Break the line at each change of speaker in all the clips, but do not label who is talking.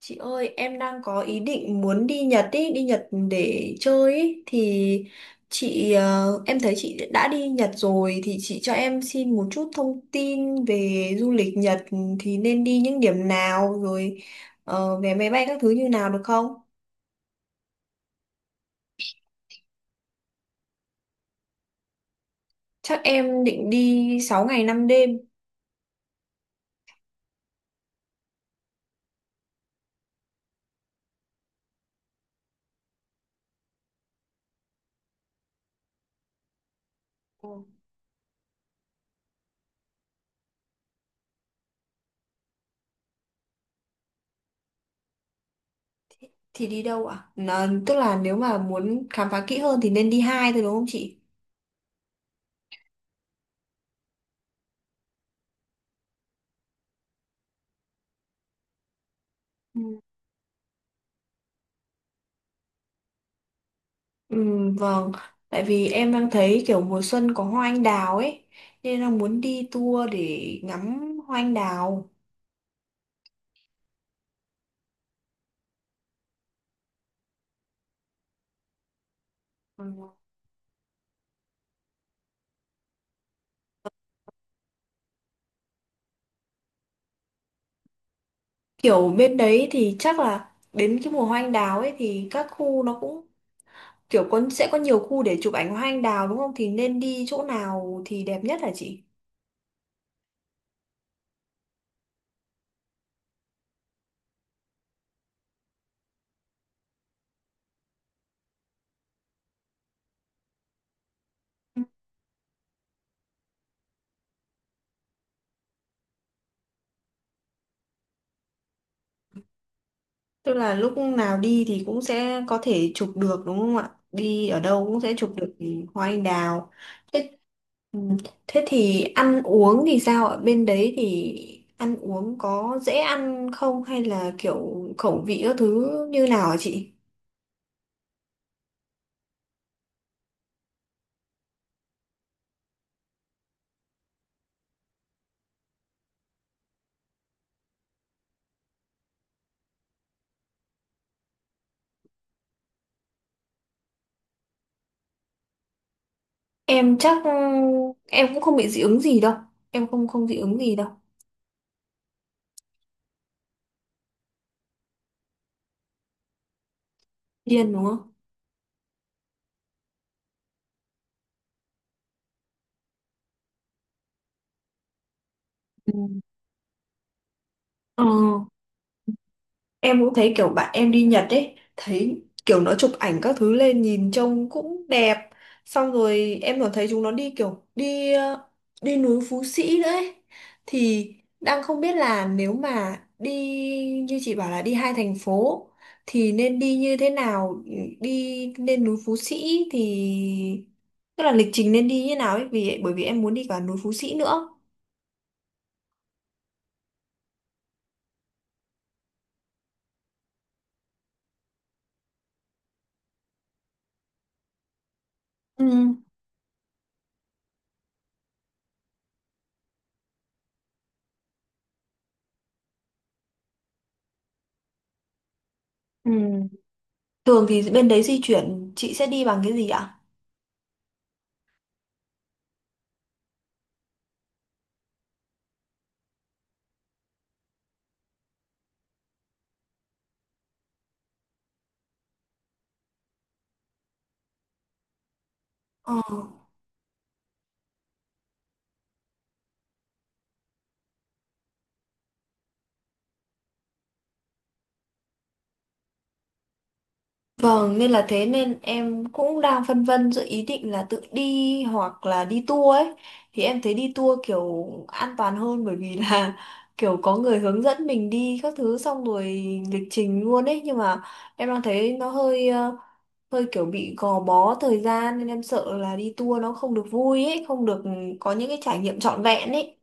Chị ơi, em đang có ý định muốn đi Nhật ý, đi Nhật để chơi ý. Thì chị, em thấy chị đã đi Nhật rồi thì chị cho em xin một chút thông tin về du lịch Nhật thì nên đi những điểm nào rồi vé máy bay các thứ như nào được không? Chắc em định đi 6 ngày 5 đêm. Ừ. Thì đi đâu ạ? Tức là nếu mà muốn khám phá kỹ hơn thì nên đi hai thôi đúng không chị? Ừ, vâng, tại vì em đang thấy kiểu mùa xuân có hoa anh đào ấy, nên là muốn đi tour để ngắm hoa anh đào. Ừ. Kiểu bên đấy thì chắc là đến cái mùa hoa anh đào ấy thì các khu nó cũng kiểu có sẽ có nhiều khu để chụp ảnh hoa anh đào đúng không? Thì nên đi chỗ nào thì đẹp nhất hả chị? Tức là lúc nào đi thì cũng sẽ có thể chụp được đúng không ạ? Đi ở đâu cũng sẽ chụp được hoa anh đào. Thế, ừ, thế thì ăn uống thì sao ạ? Bên đấy thì ăn uống có dễ ăn không hay là kiểu khẩu vị các thứ như nào hả chị? Em chắc ừ, em cũng không bị dị ứng gì đâu. Em không không dị ứng gì đâu. Điên đúng không? Ừ. Ờ. Em cũng thấy kiểu bạn em đi Nhật ấy, thấy kiểu nó chụp ảnh các thứ lên nhìn trông cũng đẹp. Xong rồi em còn thấy chúng nó đi kiểu đi đi núi Phú Sĩ đấy. Thì đang không biết là nếu mà đi như chị bảo là đi hai thành phố thì nên đi như thế nào, đi lên núi Phú Sĩ thì tức là lịch trình nên đi như nào ấy vì bởi vì em muốn đi cả núi Phú Sĩ nữa. Ừ. Ừ. Thường thì bên đấy di chuyển chị sẽ đi bằng cái gì ạ? Ờ. Vâng, nên là thế nên em cũng đang phân vân giữa ý định là tự đi hoặc là đi tour ấy. Thì em thấy đi tour kiểu an toàn hơn bởi vì là kiểu có người hướng dẫn mình đi các thứ xong rồi lịch trình luôn ấy. Nhưng mà em đang thấy nó hơi hơi kiểu bị gò bó thời gian nên em sợ là đi tour nó không được vui ấy, không được có những cái trải nghiệm trọn vẹn ấy.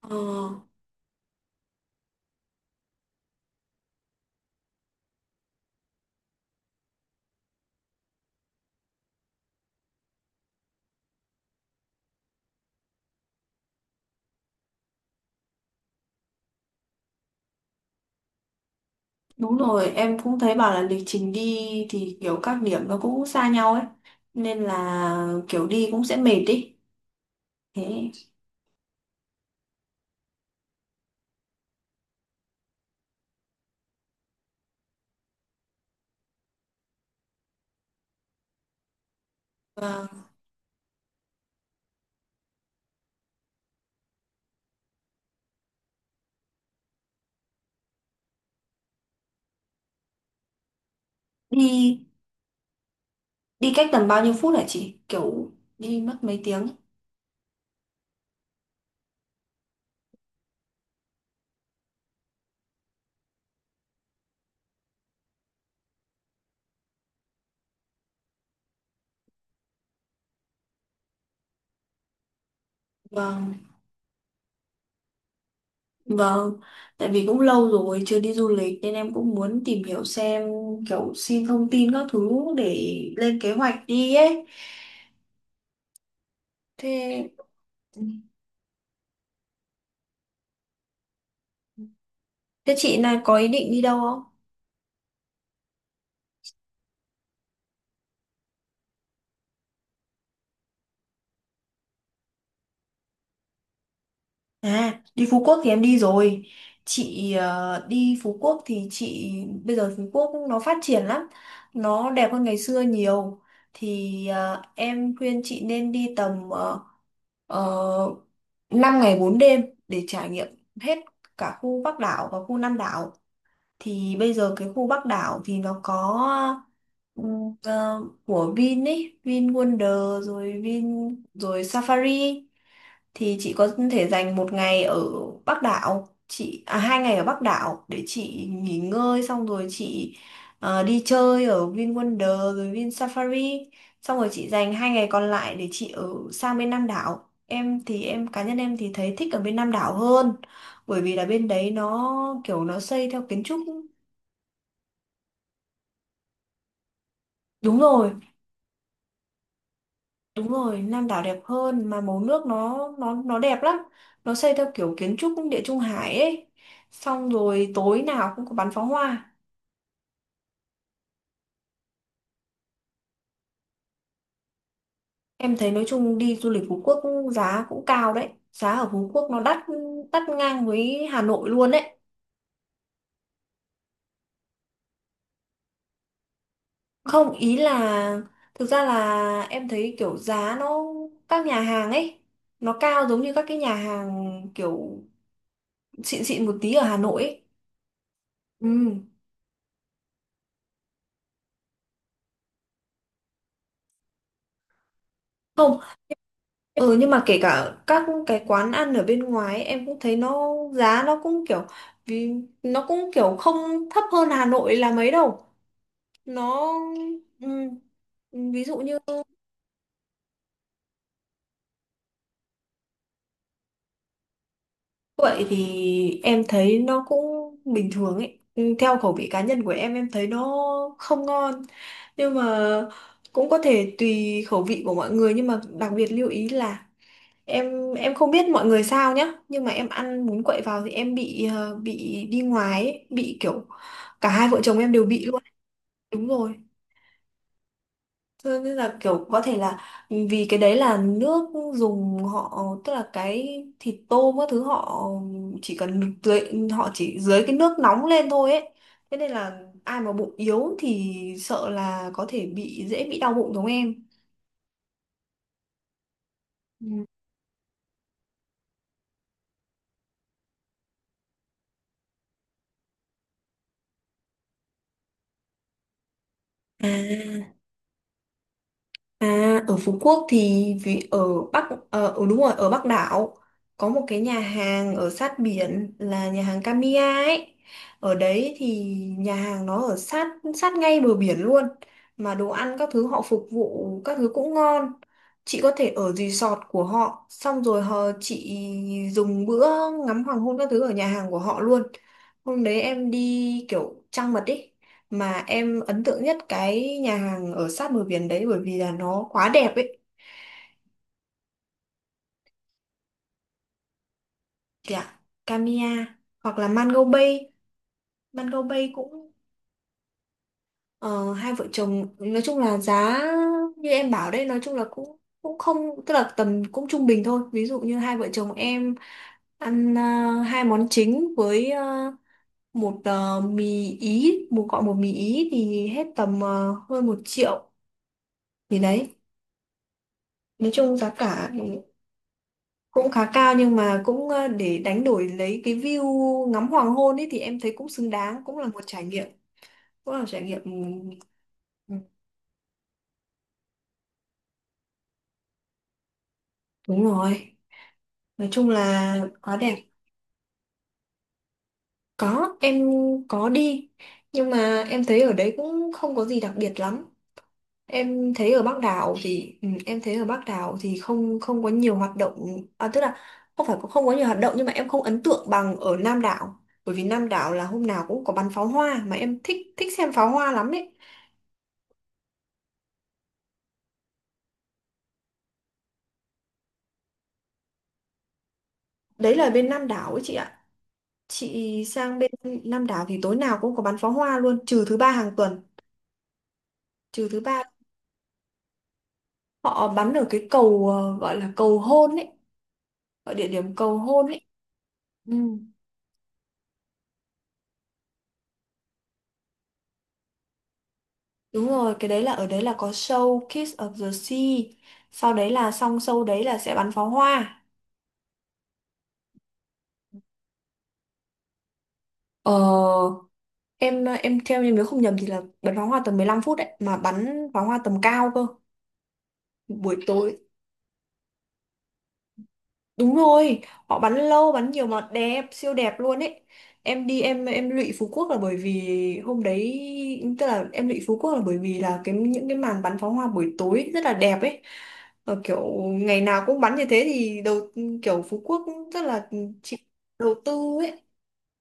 Ờ. Đúng rồi, em cũng thấy bảo là lịch trình đi thì kiểu các điểm nó cũng xa nhau ấy. Nên là kiểu đi cũng sẽ mệt đi. Thế vâng. Đi đi cách tầm bao nhiêu phút hả chị? Kiểu đi mất mấy tiếng. Vâng, vâng. Tại vì cũng lâu rồi chưa đi du lịch nên em cũng muốn tìm hiểu xem kiểu xin thông tin các thứ để lên kế hoạch đi ấy. Thế thế chị này có ý định đi đâu? À, đi Phú Quốc thì em đi rồi. Chị đi Phú Quốc thì chị bây giờ Phú Quốc nó phát triển lắm. Nó đẹp hơn ngày xưa nhiều. Thì em khuyên chị nên đi tầm 5 ngày 4 đêm để trải nghiệm hết cả khu Bắc đảo và khu Nam đảo. Thì bây giờ cái khu Bắc đảo thì nó có ờ, của Vin ấy, Vin Wonder rồi Vin rồi Safari. Thì chị có thể dành một ngày ở Bắc đảo, chị à, hai ngày ở Bắc đảo để chị nghỉ ngơi xong rồi chị đi chơi ở Vin Wonder rồi Vin Safari, xong rồi chị dành hai ngày còn lại để chị ở sang bên Nam đảo. Em thì em cá nhân em thì thấy thích ở bên Nam đảo hơn bởi vì là bên đấy nó kiểu nó xây theo kiến trúc. Đúng rồi, đúng rồi, Nam đảo đẹp hơn mà màu nước nó đẹp lắm. Nó xây theo kiểu kiến trúc Địa Trung Hải ấy. Xong rồi tối nào cũng có bắn pháo hoa. Em thấy nói chung đi du lịch Phú Quốc giá cũng cao đấy. Giá ở Phú Quốc nó đắt, đắt ngang với Hà Nội luôn đấy. Không, ý là thực ra là em thấy kiểu giá nó các nhà hàng ấy nó cao giống như các cái nhà hàng kiểu xịn xịn một tí ở Hà Nội ấy. Ừ. Không, ừ nhưng mà kể cả các cái quán ăn ở bên ngoài ấy, em cũng thấy nó giá nó cũng kiểu vì nó cũng kiểu không thấp hơn Hà Nội là mấy đâu. Nó ví dụ như vậy thì em thấy nó cũng bình thường ấy. Ừ, theo khẩu vị cá nhân của em thấy nó không ngon. Nhưng mà cũng có thể tùy khẩu vị của mọi người, nhưng mà đặc biệt lưu ý là em không biết mọi người sao nhá, nhưng mà em ăn bún quậy vào thì em bị bị đi ngoài ấy, bị kiểu cả hai vợ chồng em đều bị luôn. Đúng rồi. Thế nên là kiểu có thể là vì cái đấy là nước dùng họ, tức là cái thịt tôm các thứ họ chỉ cần dưới, họ chỉ dưới cái nước nóng lên thôi ấy. Thế nên là ai mà bụng yếu thì sợ là có thể bị, dễ bị đau bụng giống em. Ừ. À. À, ở Phú Quốc thì vì ở Bắc đúng rồi, ở Bắc đảo có một cái nhà hàng ở sát biển là nhà hàng Kamiya ấy. Ở đấy thì nhà hàng nó ở sát, sát ngay bờ biển luôn mà đồ ăn các thứ họ phục vụ các thứ cũng ngon. Chị có thể ở resort của họ xong rồi họ chị dùng bữa ngắm hoàng hôn các thứ ở nhà hàng của họ luôn. Hôm đấy em đi kiểu trăng mật ý, mà em ấn tượng nhất cái nhà hàng ở sát bờ biển đấy bởi vì là nó quá đẹp ấy, kìa, Kamiya hoặc là Mango Bay. Mango Bay cũng ờ, hai vợ chồng nói chung là giá như em bảo đấy nói chung là cũng cũng không, tức là tầm cũng trung bình thôi. Ví dụ như hai vợ chồng em ăn hai món chính với một mì ý, một gọi một mì ý thì hết tầm hơn một triệu, thì đấy, nói chung giá cả cũng khá cao nhưng mà cũng để đánh đổi lấy cái view ngắm hoàng hôn ấy thì em thấy cũng xứng đáng, cũng là một trải nghiệm, cũng là một trải nghiệm. Ừ, đúng rồi, nói chung là quá đẹp. Có, em có đi, nhưng mà em thấy ở đấy cũng không có gì đặc biệt lắm. Em thấy ở Bắc đảo thì ừ, em thấy ở Bắc đảo thì không không có nhiều hoạt động, à, tức là không phải không có nhiều hoạt động nhưng mà em không ấn tượng bằng ở Nam đảo bởi vì Nam đảo là hôm nào cũng có bắn pháo hoa, mà em thích thích xem pháo hoa lắm ấy. Đấy là bên Nam đảo ấy chị ạ. Chị sang bên Nam đảo thì tối nào cũng có bắn pháo hoa luôn, trừ thứ ba hàng tuần. Trừ thứ ba họ bắn ở cái cầu gọi là cầu hôn ấy, ở địa điểm cầu hôn ấy. Ừ, đúng rồi, cái đấy là ở đấy là có show Kiss of the Sea. Sau đấy là xong show đấy là sẽ bắn pháo hoa. Ờ, em theo, như nếu không nhầm thì là bắn pháo hoa tầm 15 phút đấy, mà bắn pháo hoa tầm cao cơ. Buổi tối đúng rồi, họ bắn lâu, bắn nhiều mà đẹp, siêu đẹp luôn ấy. Em đi em lụy Phú Quốc là bởi vì hôm đấy, tức là em lụy Phú Quốc là bởi vì là cái những cái màn bắn pháo hoa buổi tối rất là đẹp ấy. Ờ, kiểu ngày nào cũng bắn như thế thì đầu, kiểu Phú Quốc cũng rất là chịu đầu tư ấy.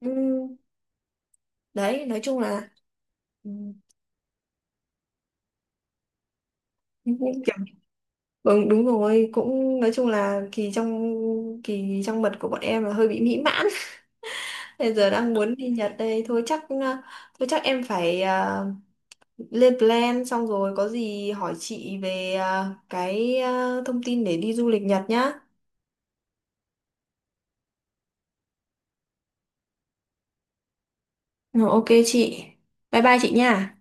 Ừ, đấy, nói chung là ừ, cũng kiểu ừ, đúng rồi, cũng nói chung là kỳ trong, kỳ trong mật của bọn em là hơi bị mỹ mãn. Bây giờ đang muốn đi Nhật đây thôi chắc thôi chắc em phải lên plan xong rồi có gì hỏi chị về cái thông tin để đi du lịch Nhật nhá. Ừ, ok chị. Bye bye chị nha.